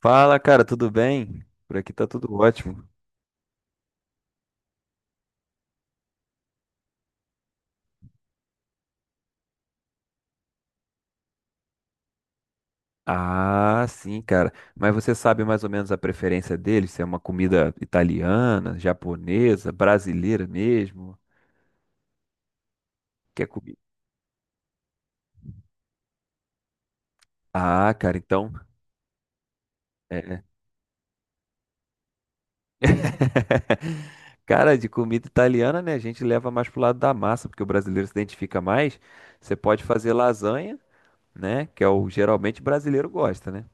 Fala, cara, tudo bem? Por aqui tá tudo ótimo. Ah, sim, cara. Mas você sabe mais ou menos a preferência dele? Se é uma comida italiana, japonesa, brasileira mesmo? Quer comida? Ah, cara, então. É. Cara, de comida italiana, né? A gente leva mais pro lado da massa, porque o brasileiro se identifica mais. Você pode fazer lasanha, né? Que é o geralmente brasileiro gosta, né?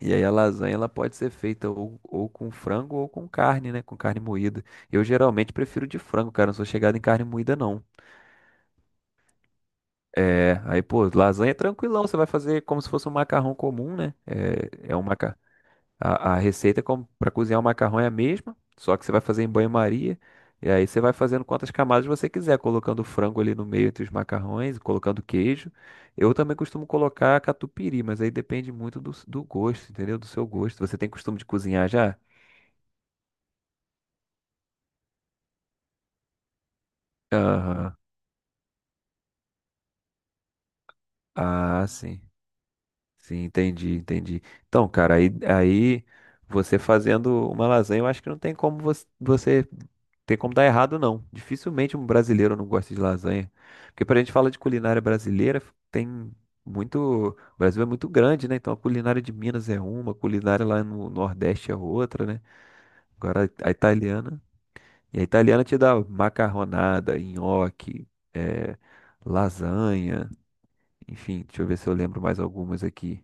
E aí a lasanha ela pode ser feita ou com frango ou com carne, né? Com carne moída. Eu geralmente prefiro de frango, cara. Não sou chegado em carne moída, não. É, aí, pô, lasanha é tranquilão. Você vai fazer como se fosse um macarrão comum, né? A receita para cozinhar o macarrão é a mesma, só que você vai fazer em banho-maria. E aí você vai fazendo quantas camadas você quiser, colocando o frango ali no meio entre os macarrões, colocando queijo. Eu também costumo colocar catupiry, mas aí depende muito do gosto, entendeu? Do seu gosto. Você tem costume de cozinhar já? Aham. Ah, sim. Sim, entendi, entendi. Então, cara, aí você fazendo uma lasanha, eu acho que não tem como você tem como dar errado, não. Dificilmente um brasileiro não gosta de lasanha. Porque pra gente falar de culinária brasileira, tem muito. O Brasil é muito grande, né? Então a culinária de Minas é uma, a culinária lá no Nordeste é outra, né? Agora a italiana. E a italiana te dá macarronada, nhoque, eh, lasanha. Enfim, deixa eu ver se eu lembro mais algumas aqui.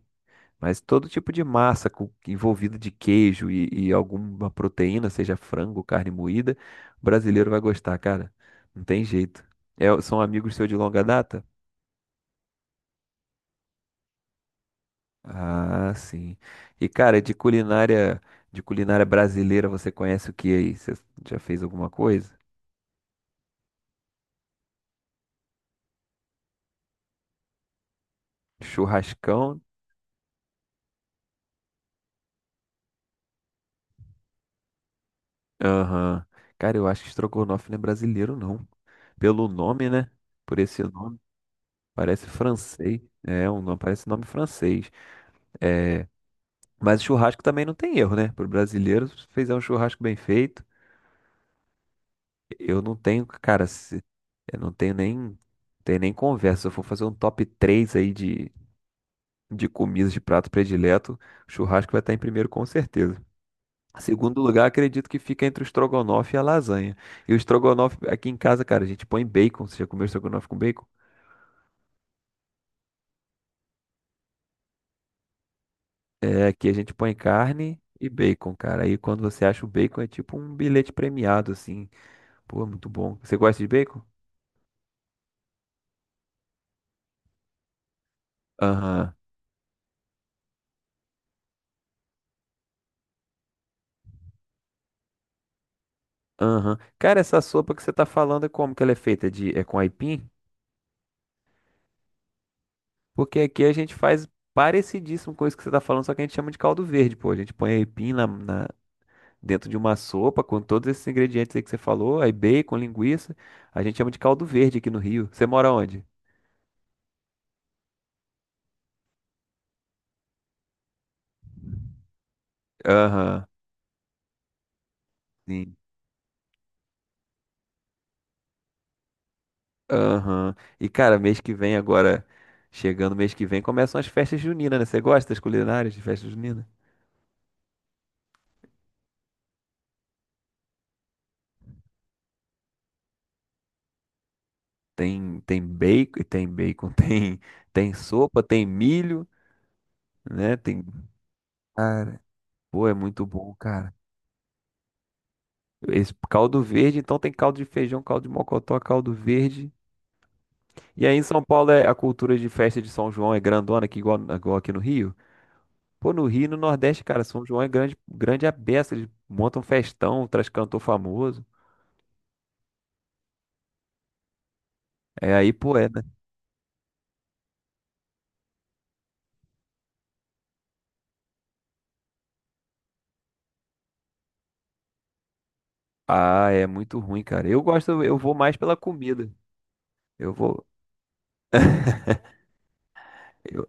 Mas todo tipo de massa envolvida de queijo e alguma proteína, seja frango, carne moída, o brasileiro vai gostar, cara. Não tem jeito. É, são amigos seus de longa data? Ah, sim. E, cara, de culinária brasileira, você conhece o que aí? Você já fez alguma coisa? Churrascão? Aham. Cara, eu acho que estrogonofe não é brasileiro, não. Pelo nome, né? Por esse nome. Parece francês. É, parece nome francês. É, mas churrasco também não tem erro, né? Pro brasileiro, se fizer um churrasco bem feito, eu não tenho, cara, eu não tenho nem, tenho nem conversa. Se eu for fazer um top 3 aí de comidas de prato predileto, churrasco vai estar em primeiro com certeza. Segundo lugar, acredito que fica entre o estrogonofe e a lasanha. E o estrogonofe aqui em casa, cara, a gente põe bacon. Você já comeu estrogonofe com bacon? É, aqui a gente põe carne e bacon, cara. Aí quando você acha o bacon é tipo um bilhete premiado, assim. Pô, é muito bom. Você gosta de bacon? Aham, aham. Cara, essa sopa que você tá falando é como que ela é feita? É com aipim? Porque aqui a gente faz parecidíssimo com isso que você tá falando, só que a gente chama de caldo verde, pô. A gente põe aipim dentro de uma sopa com todos esses ingredientes aí que você falou, aí bacon, linguiça. A gente chama de caldo verde aqui no Rio. Você mora onde? Aham. Aham. E, cara, mês que vem agora, chegando mês que vem, começam as festas juninas, né? Você gosta das culinárias de festa junina? Tem bacon, tem bacon, tem sopa, tem milho, né? Tem. Cara, pô, é muito bom, cara. Esse caldo verde, então tem caldo de feijão, caldo de mocotó, caldo verde. E aí em São Paulo é a cultura de festa de São João é grandona, aqui igual, igual aqui no Rio. Pô, no Rio e no Nordeste, cara, São João é grande, grande a beça. Eles montam festão, traz cantor famoso. É aí, pô, é. Né? Ah, é muito ruim, cara. Eu gosto, eu vou mais pela comida. Eu vou. Eu,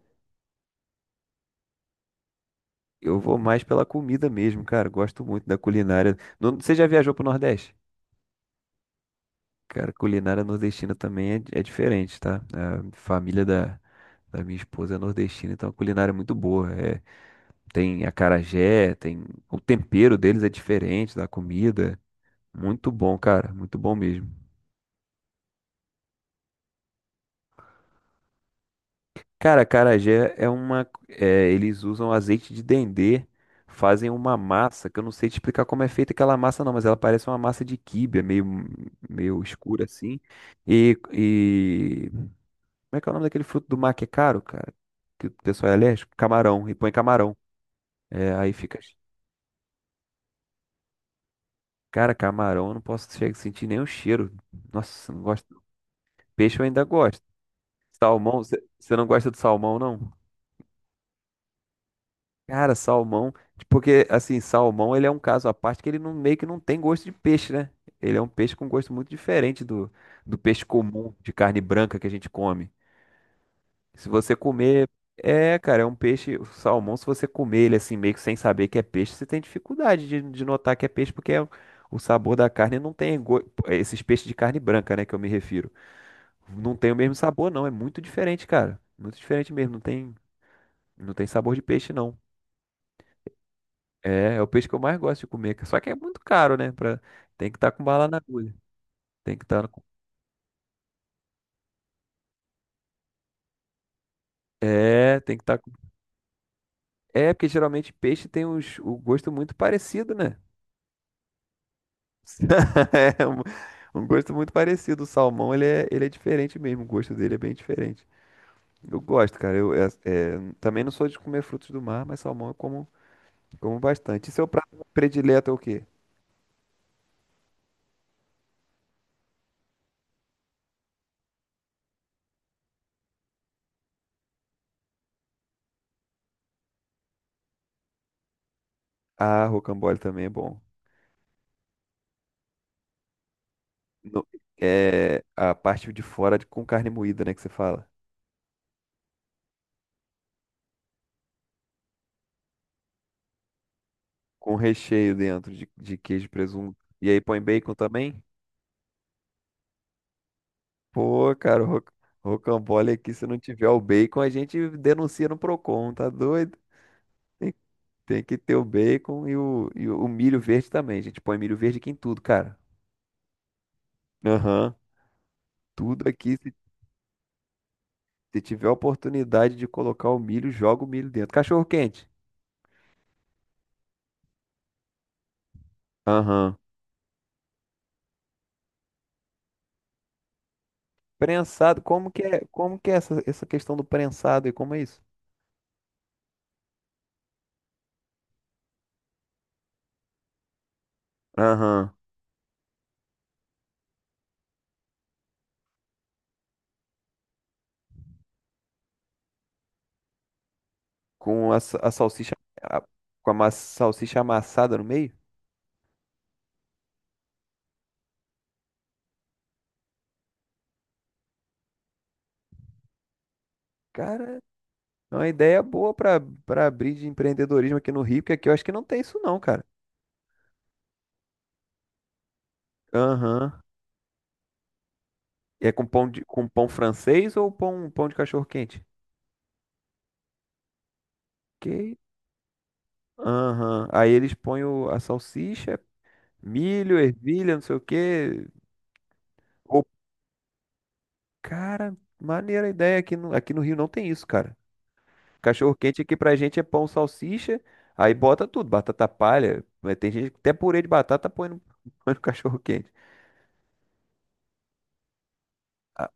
eu vou mais pela comida mesmo, cara. Gosto muito da culinária. Você já viajou pro Nordeste? Cara, culinária nordestina também é diferente, tá? A família da minha esposa é nordestina, então a culinária é muito boa. É, tem acarajé, tem. O tempero deles é diferente da comida. Muito bom, cara. Muito bom mesmo. Cara, acarajé é uma. É, eles usam azeite de dendê, fazem uma massa, que eu não sei te explicar como é feita aquela massa, não, mas ela parece uma massa de quibe, é meio escura assim. E, e. Como é que é o nome daquele fruto do mar que é caro, cara? Que o pessoal é alérgico? Camarão, e põe camarão. É, aí fica. Cara, camarão, eu não posso chegar a sentir nem o cheiro. Nossa, eu não gosto. Peixe eu ainda gosto. Salmão, você não gosta de salmão, não? Cara, salmão, tipo, porque assim, salmão ele é um caso à parte que ele não, meio que não tem gosto de peixe, né? Ele é um peixe com gosto muito diferente do peixe comum de carne branca que a gente come. Se você comer, é, cara, é um peixe, o salmão, se você comer ele assim, meio que sem saber que é peixe, você tem dificuldade de notar que é peixe, porque o sabor da carne não tem, esses peixes de carne branca, né, que eu me refiro. Não tem o mesmo sabor, não. É muito diferente, cara. Muito diferente mesmo. Não tem sabor de peixe, não. É o peixe que eu mais gosto de comer. Só que é muito caro, né? Tem que estar com bala na agulha. Tem que estar com... É, tem que estar com... É, porque geralmente peixe tem uns, o gosto muito parecido, né? É um gosto muito parecido. O salmão, ele é diferente mesmo. O gosto dele é bem diferente. Eu gosto, cara. Eu também não sou de comer frutos do mar, mas salmão eu como bastante. E seu prato predileto é o quê? Ah, rocambole também é bom. No- É a parte de fora com carne moída, né? Que você fala. Com recheio dentro de queijo e presunto. E aí põe bacon também? Pô, cara, o rocambole aqui, se não tiver o bacon, a gente denuncia no Procon, tá doido? Tem, tem que ter o bacon e o milho verde também. A gente põe milho verde aqui em tudo, cara. Aham. Tudo aqui, se tiver a oportunidade de colocar o milho, joga o milho dentro. Cachorro quente. Aham. Prensado, como que é essa questão do prensado e como é isso? Aham. Com a, a salsicha, a- com a salsicha amassada no meio. Cara, é uma ideia boa para abrir de empreendedorismo aqui no Rio, que aqui eu acho que não tem isso não, cara. Aham. E é com pão francês ou pão de cachorro quente? Que Aham. Aí eles põem a salsicha, milho, ervilha, não sei o quê. Ô, cara, maneira a ideia aqui no Rio não tem isso, cara. Cachorro quente aqui pra gente é pão, salsicha, aí bota tudo, batata palha. Mas tem gente que até purê de batata põe no, põe no cachorro quente. Ah,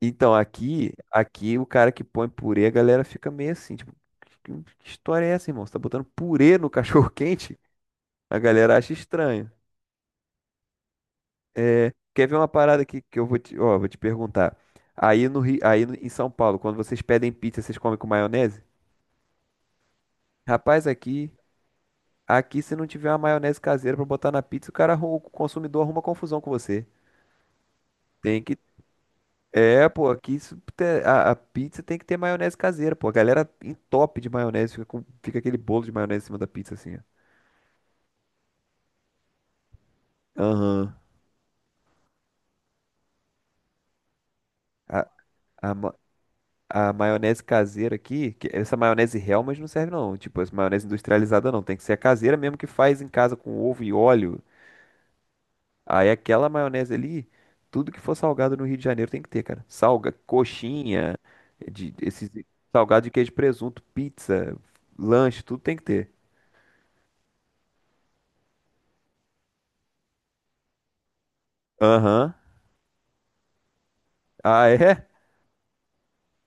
então, aqui o cara que põe purê, a galera fica meio assim, tipo, que que história é essa, irmão? Você tá botando purê no cachorro quente? A galera acha estranho. É, quer ver uma parada aqui que eu ó, vou te perguntar. Aí no Rio, aí no- em São Paulo, quando vocês pedem pizza, vocês comem com maionese? Rapaz, Aqui, se não tiver uma maionese caseira pra botar na pizza, o cara, o consumidor arruma confusão com você. Tem que. É, pô, aqui a pizza tem que ter maionese caseira, pô. A galera entope de maionese, fica aquele bolo de maionese em cima da pizza, assim, ó. Aham. A, a, ma- a maionese caseira aqui, que essa maionese Hellmann's não serve, não. Tipo, essa maionese industrializada não. Tem que ser a caseira mesmo que faz em casa com ovo e óleo. Aí aquela maionese ali, tudo que for salgado no Rio de Janeiro tem que ter, cara. Coxinha, esses salgado de queijo e presunto, pizza, lanche, tudo tem que ter. Aham. Ah, é?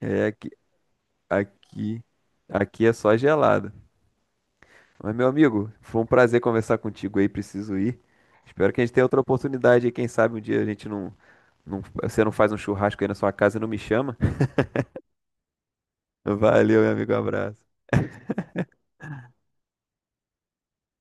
É aqui, aqui, aqui é só gelado. Mas, meu amigo, foi um prazer conversar contigo aí, preciso ir. Espero que a gente tenha outra oportunidade aí, quem sabe um dia a gente não, você não faz um churrasco aí na sua casa e não me chama. Valeu, meu amigo, um abraço.